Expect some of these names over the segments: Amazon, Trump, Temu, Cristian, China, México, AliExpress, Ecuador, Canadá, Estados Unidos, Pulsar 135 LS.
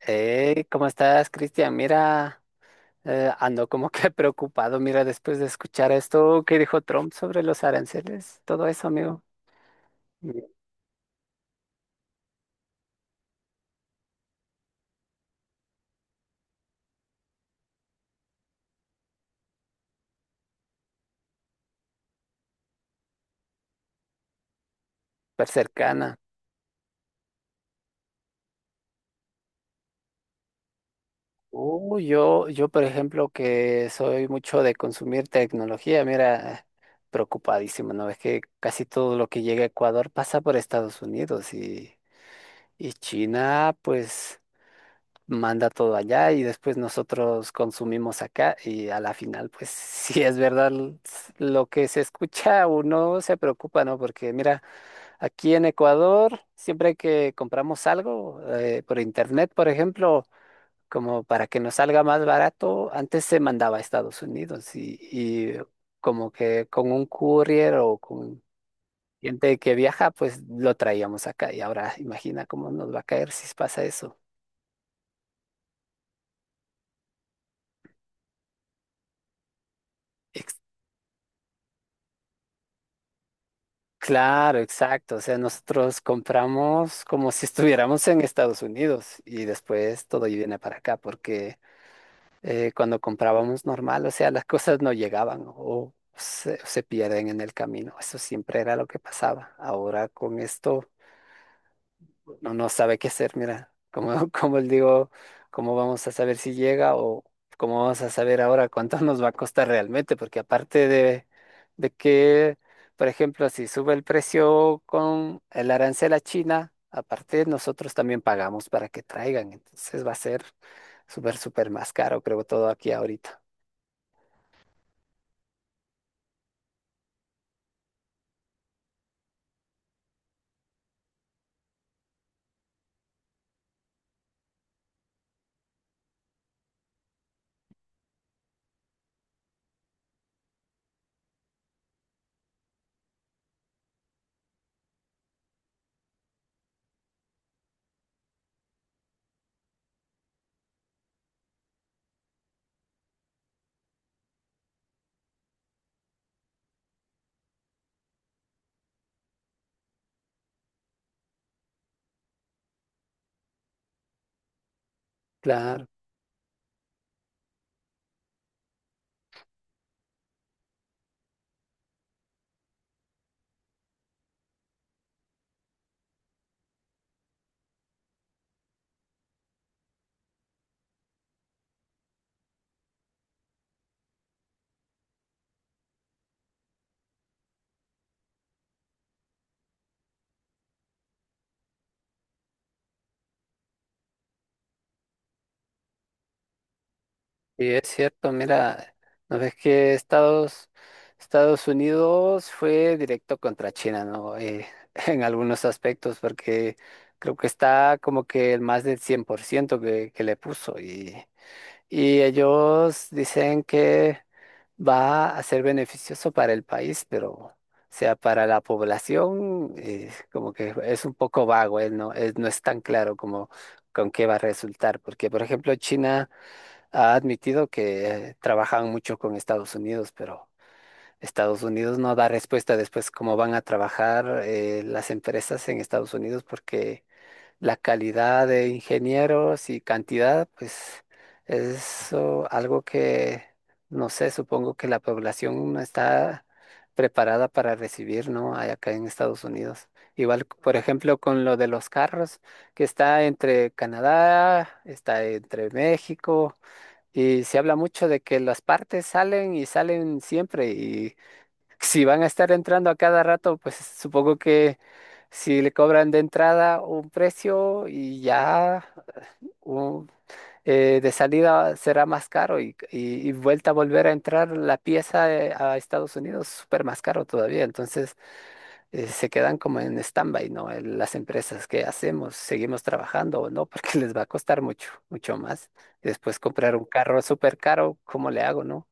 Hey, ¿cómo estás, Cristian? Mira, ando como que preocupado, mira, después de escuchar esto que dijo Trump sobre los aranceles, todo eso, amigo, mi súper cercana. Yo, por ejemplo, que soy mucho de consumir tecnología, mira, preocupadísimo, ¿no? Es que casi todo lo que llega a Ecuador pasa por Estados Unidos y China, pues... manda todo allá y después nosotros consumimos acá y a la final, pues si es verdad lo que se escucha, uno se preocupa, ¿no? Porque mira, aquí en Ecuador, siempre que compramos algo por internet, por ejemplo, como para que nos salga más barato, antes se mandaba a Estados Unidos y como que con un courier o con... gente que viaja, pues lo traíamos acá y ahora imagina cómo nos va a caer si pasa eso. Claro, exacto. O sea, nosotros compramos como si estuviéramos en Estados Unidos y después todo viene para acá, porque cuando comprábamos normal, o sea, las cosas no llegaban o se pierden en el camino. Eso siempre era lo que pasaba. Ahora con esto no, no sabe qué hacer, mira, como, como él digo, cómo vamos a saber si llega o cómo vamos a saber ahora cuánto nos va a costar realmente, porque aparte de que, por ejemplo, si sube el precio con el arancel a China, aparte nosotros también pagamos para que traigan, entonces va a ser súper, súper más caro, creo, todo aquí ahorita. Claro. Sí es cierto, mira, no ves que Estados Unidos fue directo contra China, ¿no? En algunos aspectos, porque creo que está como que el más del 100% que le puso. Y ellos dicen que va a ser beneficioso para el país, pero, o sea, para la población, como que es un poco vago, no, es, no es tan claro como con qué va a resultar, porque, por ejemplo, China ha admitido que trabajan mucho con Estados Unidos, pero Estados Unidos no da respuesta después cómo van a trabajar las empresas en Estados Unidos porque la calidad de ingenieros y cantidad, pues es algo que, no sé, supongo que la población no está preparada para recibir, ¿no? Hay acá en Estados Unidos. Igual, por ejemplo, con lo de los carros, que está entre Canadá, está entre México. Y se habla mucho de que las partes salen y salen siempre y si van a estar entrando a cada rato, pues supongo que si le cobran de entrada un precio y ya un- de salida será más caro y, y vuelta a volver a entrar la pieza a Estados Unidos súper más caro todavía. Entonces se quedan como en stand-by, ¿no? Las empresas, ¿qué hacemos? ¿Seguimos trabajando o no? Porque les va a costar mucho, mucho más. Después comprar un carro súper caro, ¿cómo le hago, no?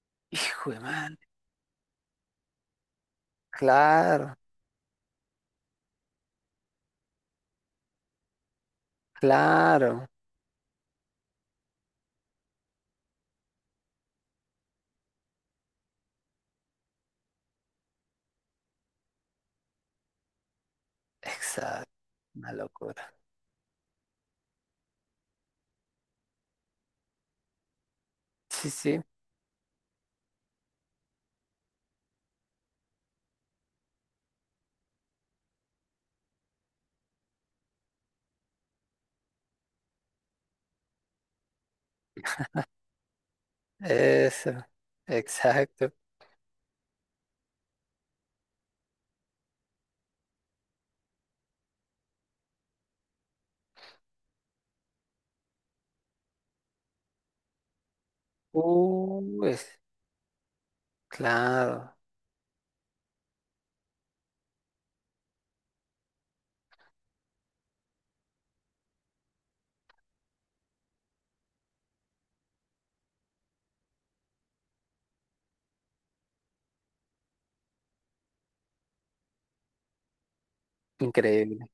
Hijo de man. Claro, claro. Exacto. Una locura. Sí, sí. Eso. Exacto. Uy, claro. Increíble.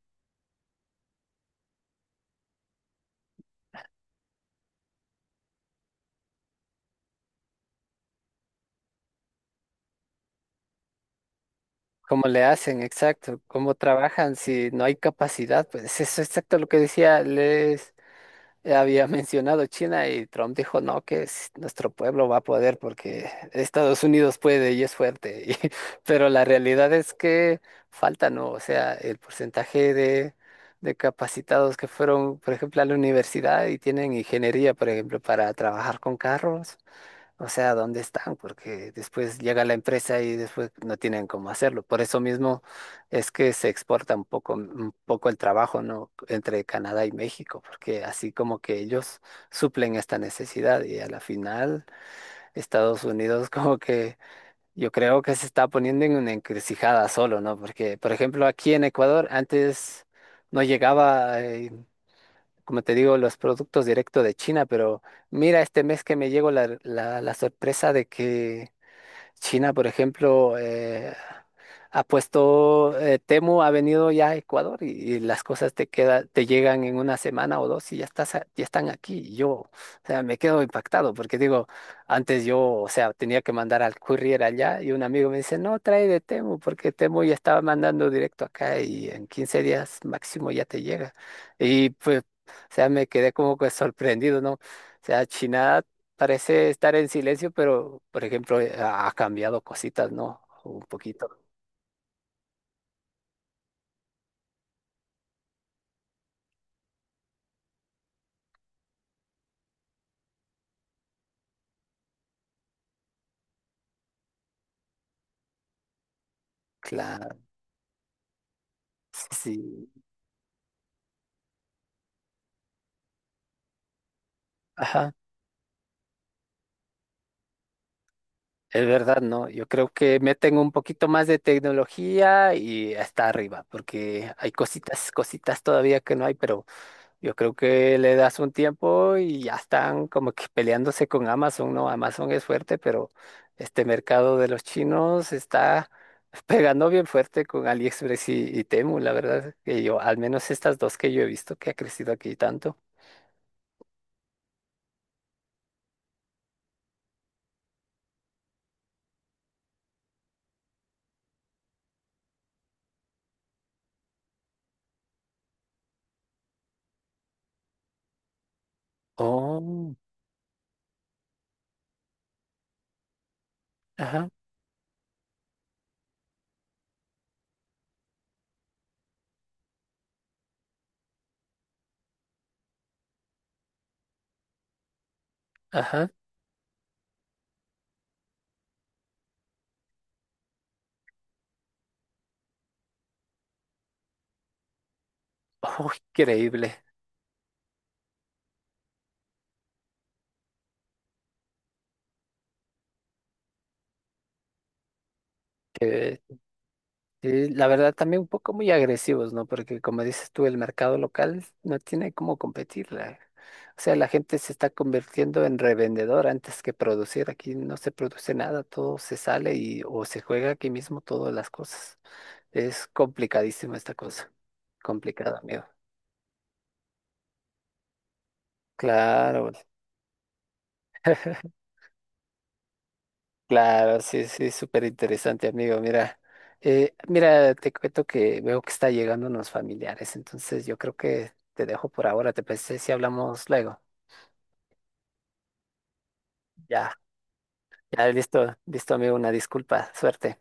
¿Cómo le hacen? Exacto. ¿Cómo trabajan si no hay capacidad? Pues eso es exacto lo que decía Les. Había mencionado China y Trump dijo, no, que nuestro pueblo va a poder porque Estados Unidos puede y es fuerte. Pero la realidad es que falta, ¿no? O sea, el porcentaje de capacitados que fueron, por ejemplo, a la universidad y tienen ingeniería, por ejemplo, para trabajar con carros. O sea, ¿dónde están? Porque después llega la empresa y después no tienen cómo hacerlo. Por eso mismo es que se exporta un poco el trabajo, ¿no? Entre Canadá y México, porque así como que ellos suplen esta necesidad y a la final Estados Unidos como que yo creo que se está poniendo en una encrucijada solo, ¿no? Porque, por ejemplo, aquí en Ecuador antes no llegaba como te digo, los productos directos de China, pero mira, este mes que me llegó la sorpresa de que China, por ejemplo, ha puesto, Temu ha venido ya a Ecuador y las cosas te queda, te llegan en una semana o dos y ya estás, ya están aquí. Y yo, o sea, me quedo impactado porque digo, antes yo, o sea, tenía que mandar al courier allá y un amigo me dice, no, trae de Temu porque Temu ya estaba mandando directo acá y en 15 días máximo ya te llega. Y pues, o sea, me quedé como que sorprendido, ¿no? O sea, China parece estar en silencio, pero por ejemplo, ha cambiado cositas, ¿no? Un poquito. Claro, sí. Ajá. Es verdad, ¿no? Yo creo que meten un poquito más de tecnología y hasta arriba, porque hay cositas, cositas todavía que no hay, pero yo creo que le das un tiempo y ya están como que peleándose con Amazon, ¿no? Amazon es fuerte, pero este mercado de los chinos está pegando bien fuerte con AliExpress y Temu, la verdad, que yo, al menos estas dos que yo he visto que ha crecido aquí tanto. Oh, ajá, ajá. Oh, increíble. Que, la verdad también un poco muy agresivos, ¿no? Porque como dices tú, el mercado local no tiene cómo competir. O sea, la gente se está convirtiendo en revendedor antes que producir. Aquí no se produce nada, todo se sale y o se juega aquí mismo todas las cosas. Es complicadísima esta cosa. Complicada, amigo. Claro. Claro, sí, sí, súper interesante, amigo. Mira, mira, te cuento que veo que está llegando unos familiares, entonces yo creo que te dejo por ahora. ¿Te parece si hablamos luego? Ya, ya, listo, listo, amigo, una disculpa, suerte.